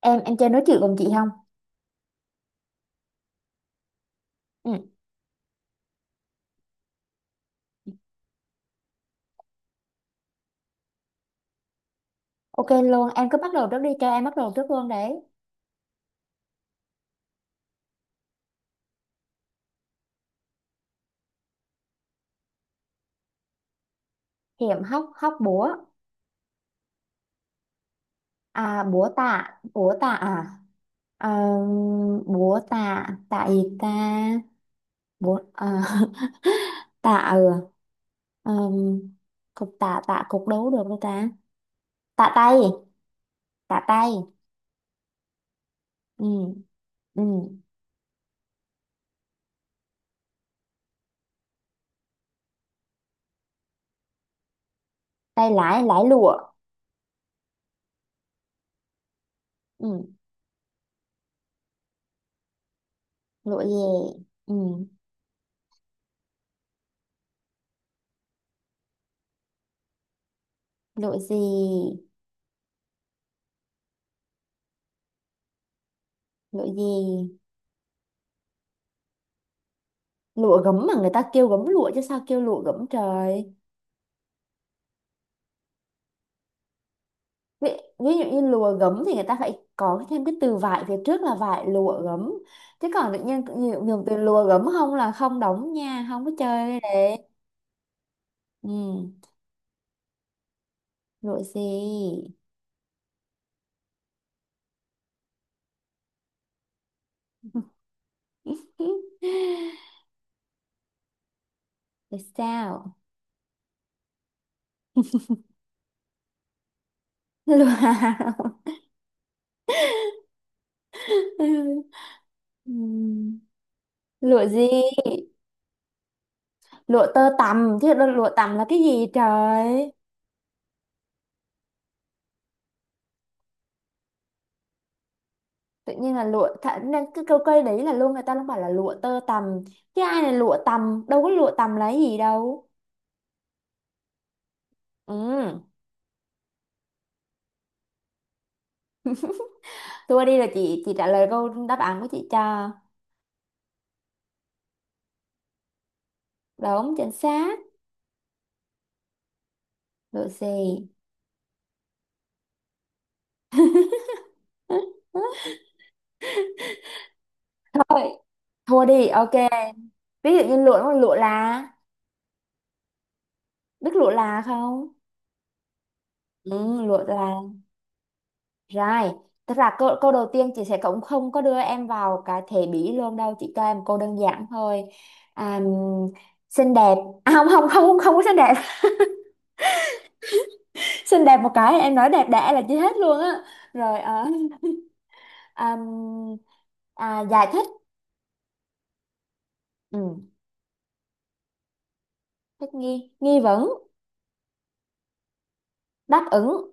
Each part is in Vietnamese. Em chơi nói chuyện cùng chị không? Ừ. Ok luôn, em cứ bắt đầu trước đi, cho em bắt đầu trước luôn đấy. Hiểm hóc. Hóc búa. À, búa tạ. Búa tạ à? Ờ, búa tạ. Tạ gì ta? Búa à, tạ. Ừ. Ờm, Cục tạ. Tạ cục đấu được đâu ta. Tạ tay. Tạ tay. Ừ. Ừ. Tay lái. Lái lụa. Ừ. Lụa gì? Ừ. Lụa gì? Lụa gì? Lụa gấm mà người ta kêu gấm lụa, chứ sao kêu lụa gấm trời? Ví, ví dụ như lụa gấm thì người ta phải có thêm cái từ vải phía trước, là vải lụa gấm. Chứ còn tự nhiên cũng nhiều từ lụa gấm không là không đóng nha, không có chơi đấy. Ừ. Lụa gì? Rồi sao? Lụa. Ừm, lụa gì? Lụa tơ tằm chứ lụa tằm là cái gì trời? Tự nhiên là lụa thà, nên cái câu cây đấy là luôn người ta luôn bảo là lụa tơ tằm, chứ ai là lụa tằm, đâu có lụa tằm là cái gì đâu. Ừ. Thua đi là chị trả lời câu đáp án của chị cho. Đúng chính xác. Lụa gì? Thôi thua đi, ok. Ví dụ như lụa nó là lụa là. Biết lụa là không? Ừ, lụa là. Rồi, tức là câu đầu tiên chị sẽ cũng không có đưa em vào cái thể bỉ luôn đâu, chị cho em câu đơn giản thôi. À, xinh đẹp. À, không không không, không có xinh đẹp, xinh đẹp một cái em nói đẹp đẽ là chưa hết luôn á. Rồi, ờ, à, à, giải thích. Ừ, thích nghi. Nghi vấn. Đáp ứng.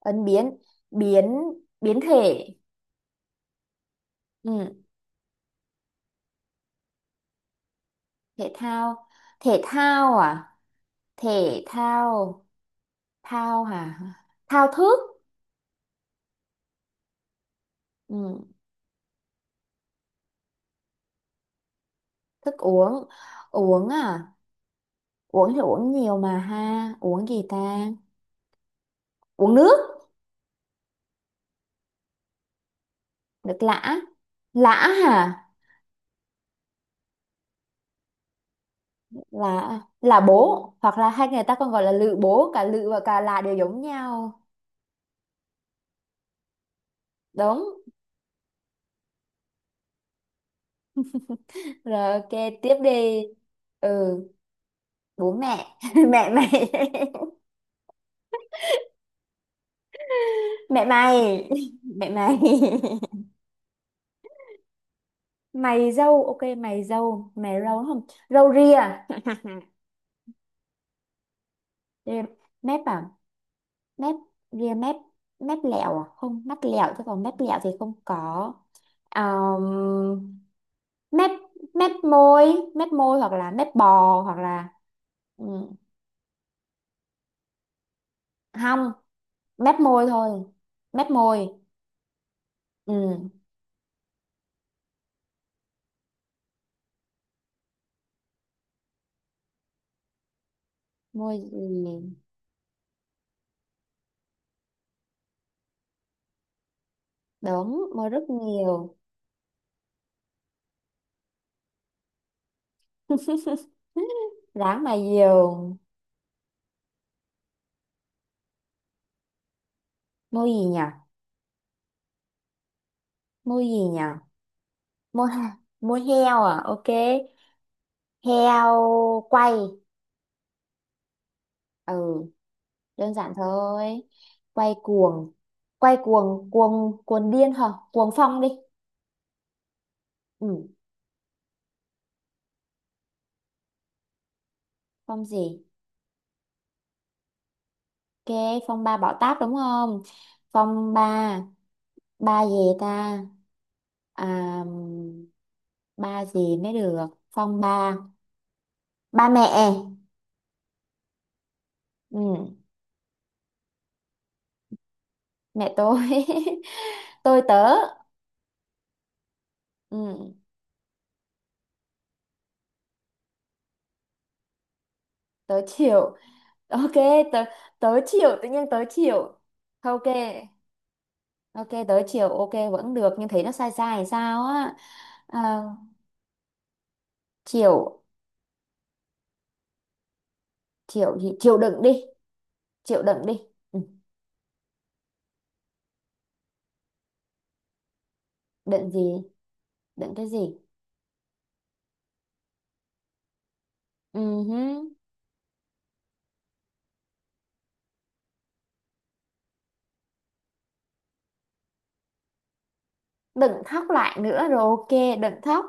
Ứng biến. Biến. Biến thể. Ừ, thể thao. Thể thao à? Thể thao. Thao hả? Thao thức. Ừ, thức uống. Uống à? Uống thì uống nhiều mà ha, uống gì ta? Uống nước. Nước lã. Lã hả? Là bố, hoặc là hay người ta còn gọi là lự bố, cả lự và cả là đều giống nhau. Đúng rồi, ok, tiếp đi. Ừ. Bố mẹ. Mẹ mày. Mẹ mày. Mẹ mày. Mày dâu. Ok, mày dâu, mày râu đúng không? Râu ria. Ria- Mép à? Mép. Ria mép. Mép lẹo à? Không, mắt lẹo chứ còn mép lẹo thì không có. um, Mép. Mép môi. Mép môi, hoặc là mép bò hoặc là. Ừ, không, mép môi thôi. Mép môi. Ừ. Môi gì? Đúng, môi rất nhiều. Dáng mà nhiều. Môi gì nhỉ? Môi gì nhỉ? Môi môi heo à? Ok. Heo quay. Ừ, đơn giản thôi. Quay cuồng. Quay cuồng. Cuồng. Cuồng điên hả? Cuồng phong đi. Ừ. Phong gì? Ok, phong ba bảo táp đúng không? Phong ba. Ba gì ta? À, ba gì mới được? Phong ba. Ba mẹ. Ừ, mẹ tôi. Tôi tớ. Ừ, tớ chịu. Ok, tớ. Tớ chịu, tự nhiên tớ chịu. Ok. Ok tớ chịu, ok vẫn được nhưng thấy nó sai sai hay sao á. À, chịu. Chịu gì? Chịu đựng đi. Chịu đựng đi. Ừ, đựng gì? Đựng cái gì? Ừ, hứ. Đừng khóc lại nữa rồi, ok. Đừng khóc.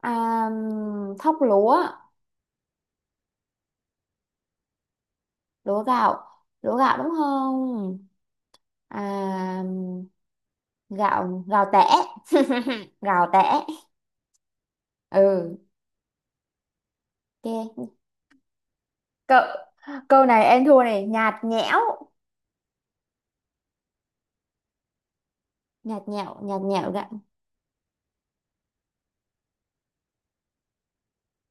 À, thóc lúa. Lúa gạo. Lúa gạo đúng không? À, gạo. Gạo tẻ. Gạo tẻ. Ừ, ok. Cậu, câu này em thua này, nhạt nhẽo. Nhạt nhẽo. Nhạt nhẽo gạo.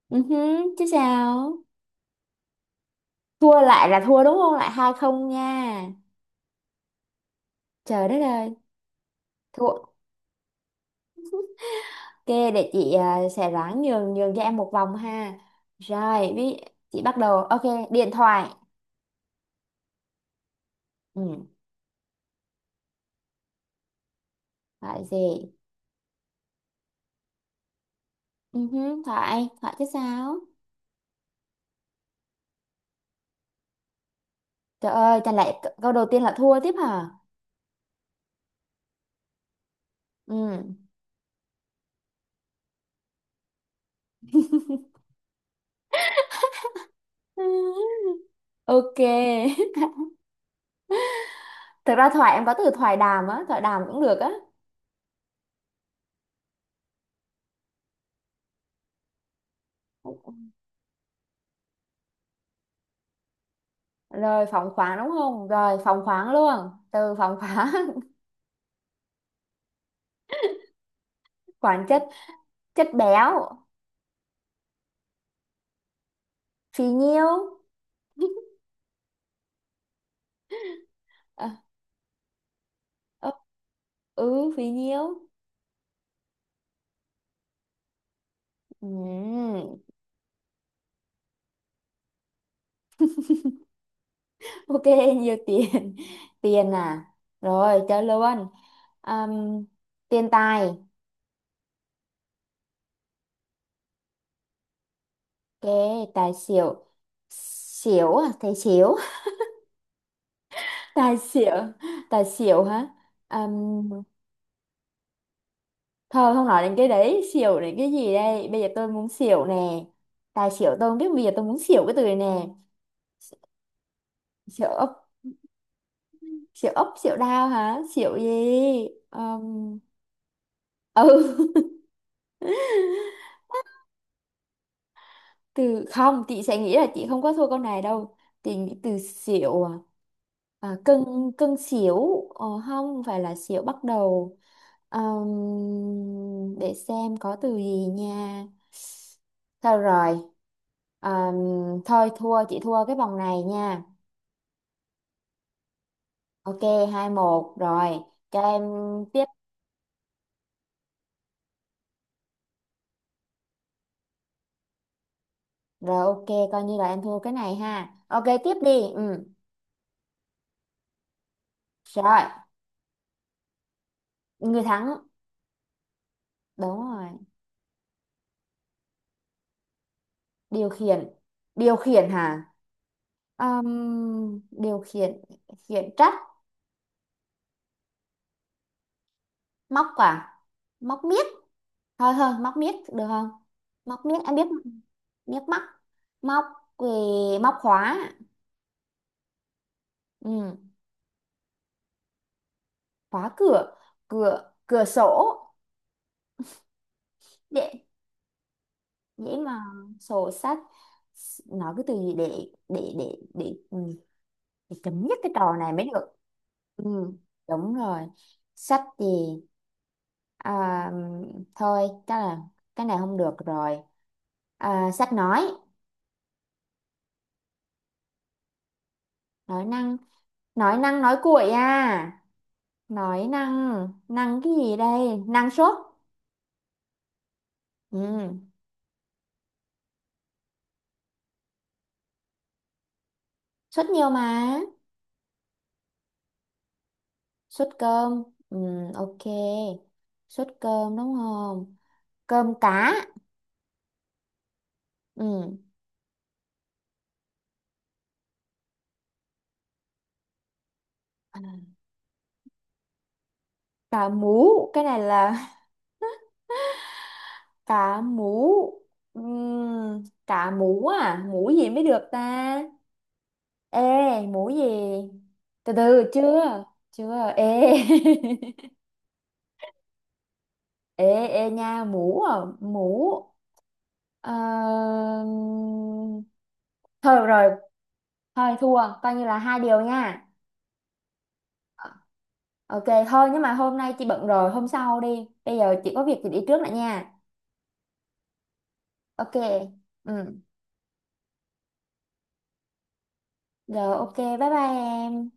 Ừ hứ, chứ sao? Thua lại là thua đúng không? Lại 2-0 nha. Trời đất ơi, thua. Ok, để chị, à, sẽ ráng nhường nhường cho em một vòng ha. Rồi, chị bắt đầu. Ok, điện thoại. Ừ, phải gì? Ừ, hứ, Thoại, Thoại chứ sao? Trời ơi, chẳng lẽ câu đầu tiên là thua tiếp hả? Ừ. Ok. Thực ra Thoại em có từ thoại đàm á, thoại đàm cũng được á. Rồi phóng khoáng đúng không? Rồi phóng khoáng luôn. Từ phóng khoáng, khoáng chất, chất béo, phì nhiêu. À, ơ, ừ, phì nhiêu. Ừ. Ok, nhiều tiền. Tiền à. Rồi, chơi luôn. Ừm, tiền tài. Cái tài xỉu. Xỉu à? Thầy xỉu. Tài xỉu. Tài xỉu hả? Ừm, thôi không nói đến cái đấy, xỉu đến cái gì đây, bây giờ tôi muốn xỉu nè. Tài xỉu tôi không biết, bây giờ tôi muốn xỉu cái từ này nè. Xỉu ốc. Xỉu ốc, xỉu đao hả? Xỉu gì? Ừm, ừ, từ không chị sẽ nghĩ là chị không có thua câu này đâu. Chị nghĩ từ xỉu, à, à, cân. Cân xỉu, không phải là xỉu bắt đầu. Ờm, để xem có từ gì nha. Thôi rồi. Ờm, Thôi thua, chị thua cái vòng này nha. Ok, 2-1 rồi. Cho em tiếp. Rồi, ok, coi như là em thua cái này ha, ok tiếp đi. Ừ. Rồi, người thắng. Đúng rồi. Điều khiển. Điều khiển hả? Điều khiển. Khiển trách. Móc quả. Móc miếc. Thôi thôi, móc miếc được không? Móc miếc em biết mà. Miếc móc. Móc. Về. Móc khóa. Ừm, khóa cửa. Cửa. Cửa sổ. Dễ. Dễ mà. Sổ sách. Nói cái từ gì để ừ, thì chấm dứt cái trò này mới được. Ừ, đúng rồi. Sách gì? À, thôi chắc là cái này không được rồi. À, sách nói. Nói năng. Nói năng, nói cuội à? Nói năng. Năng cái gì đây? Năng suất. Ừ. Suất nhiều mà. Suất cơm. Ừ, ok, suất cơm đúng không? Cơm cá. Ừ. Cá mú. Cái này là cá mú. Cá mú à? Mú gì mới được ta? Ê, mú gì? Từ từ chưa. Chưa. Ê. Ê. Ê nha, mú. À, mú. Ờ, thôi được rồi. Thôi thua. Coi như là hai điều nha. Ờ, ok thôi, nhưng mà hôm nay chị bận rồi. Hôm sau đi. Bây giờ chị có việc thì đi trước lại nha. Ok. Ừ. Rồi, ok, bye bye em.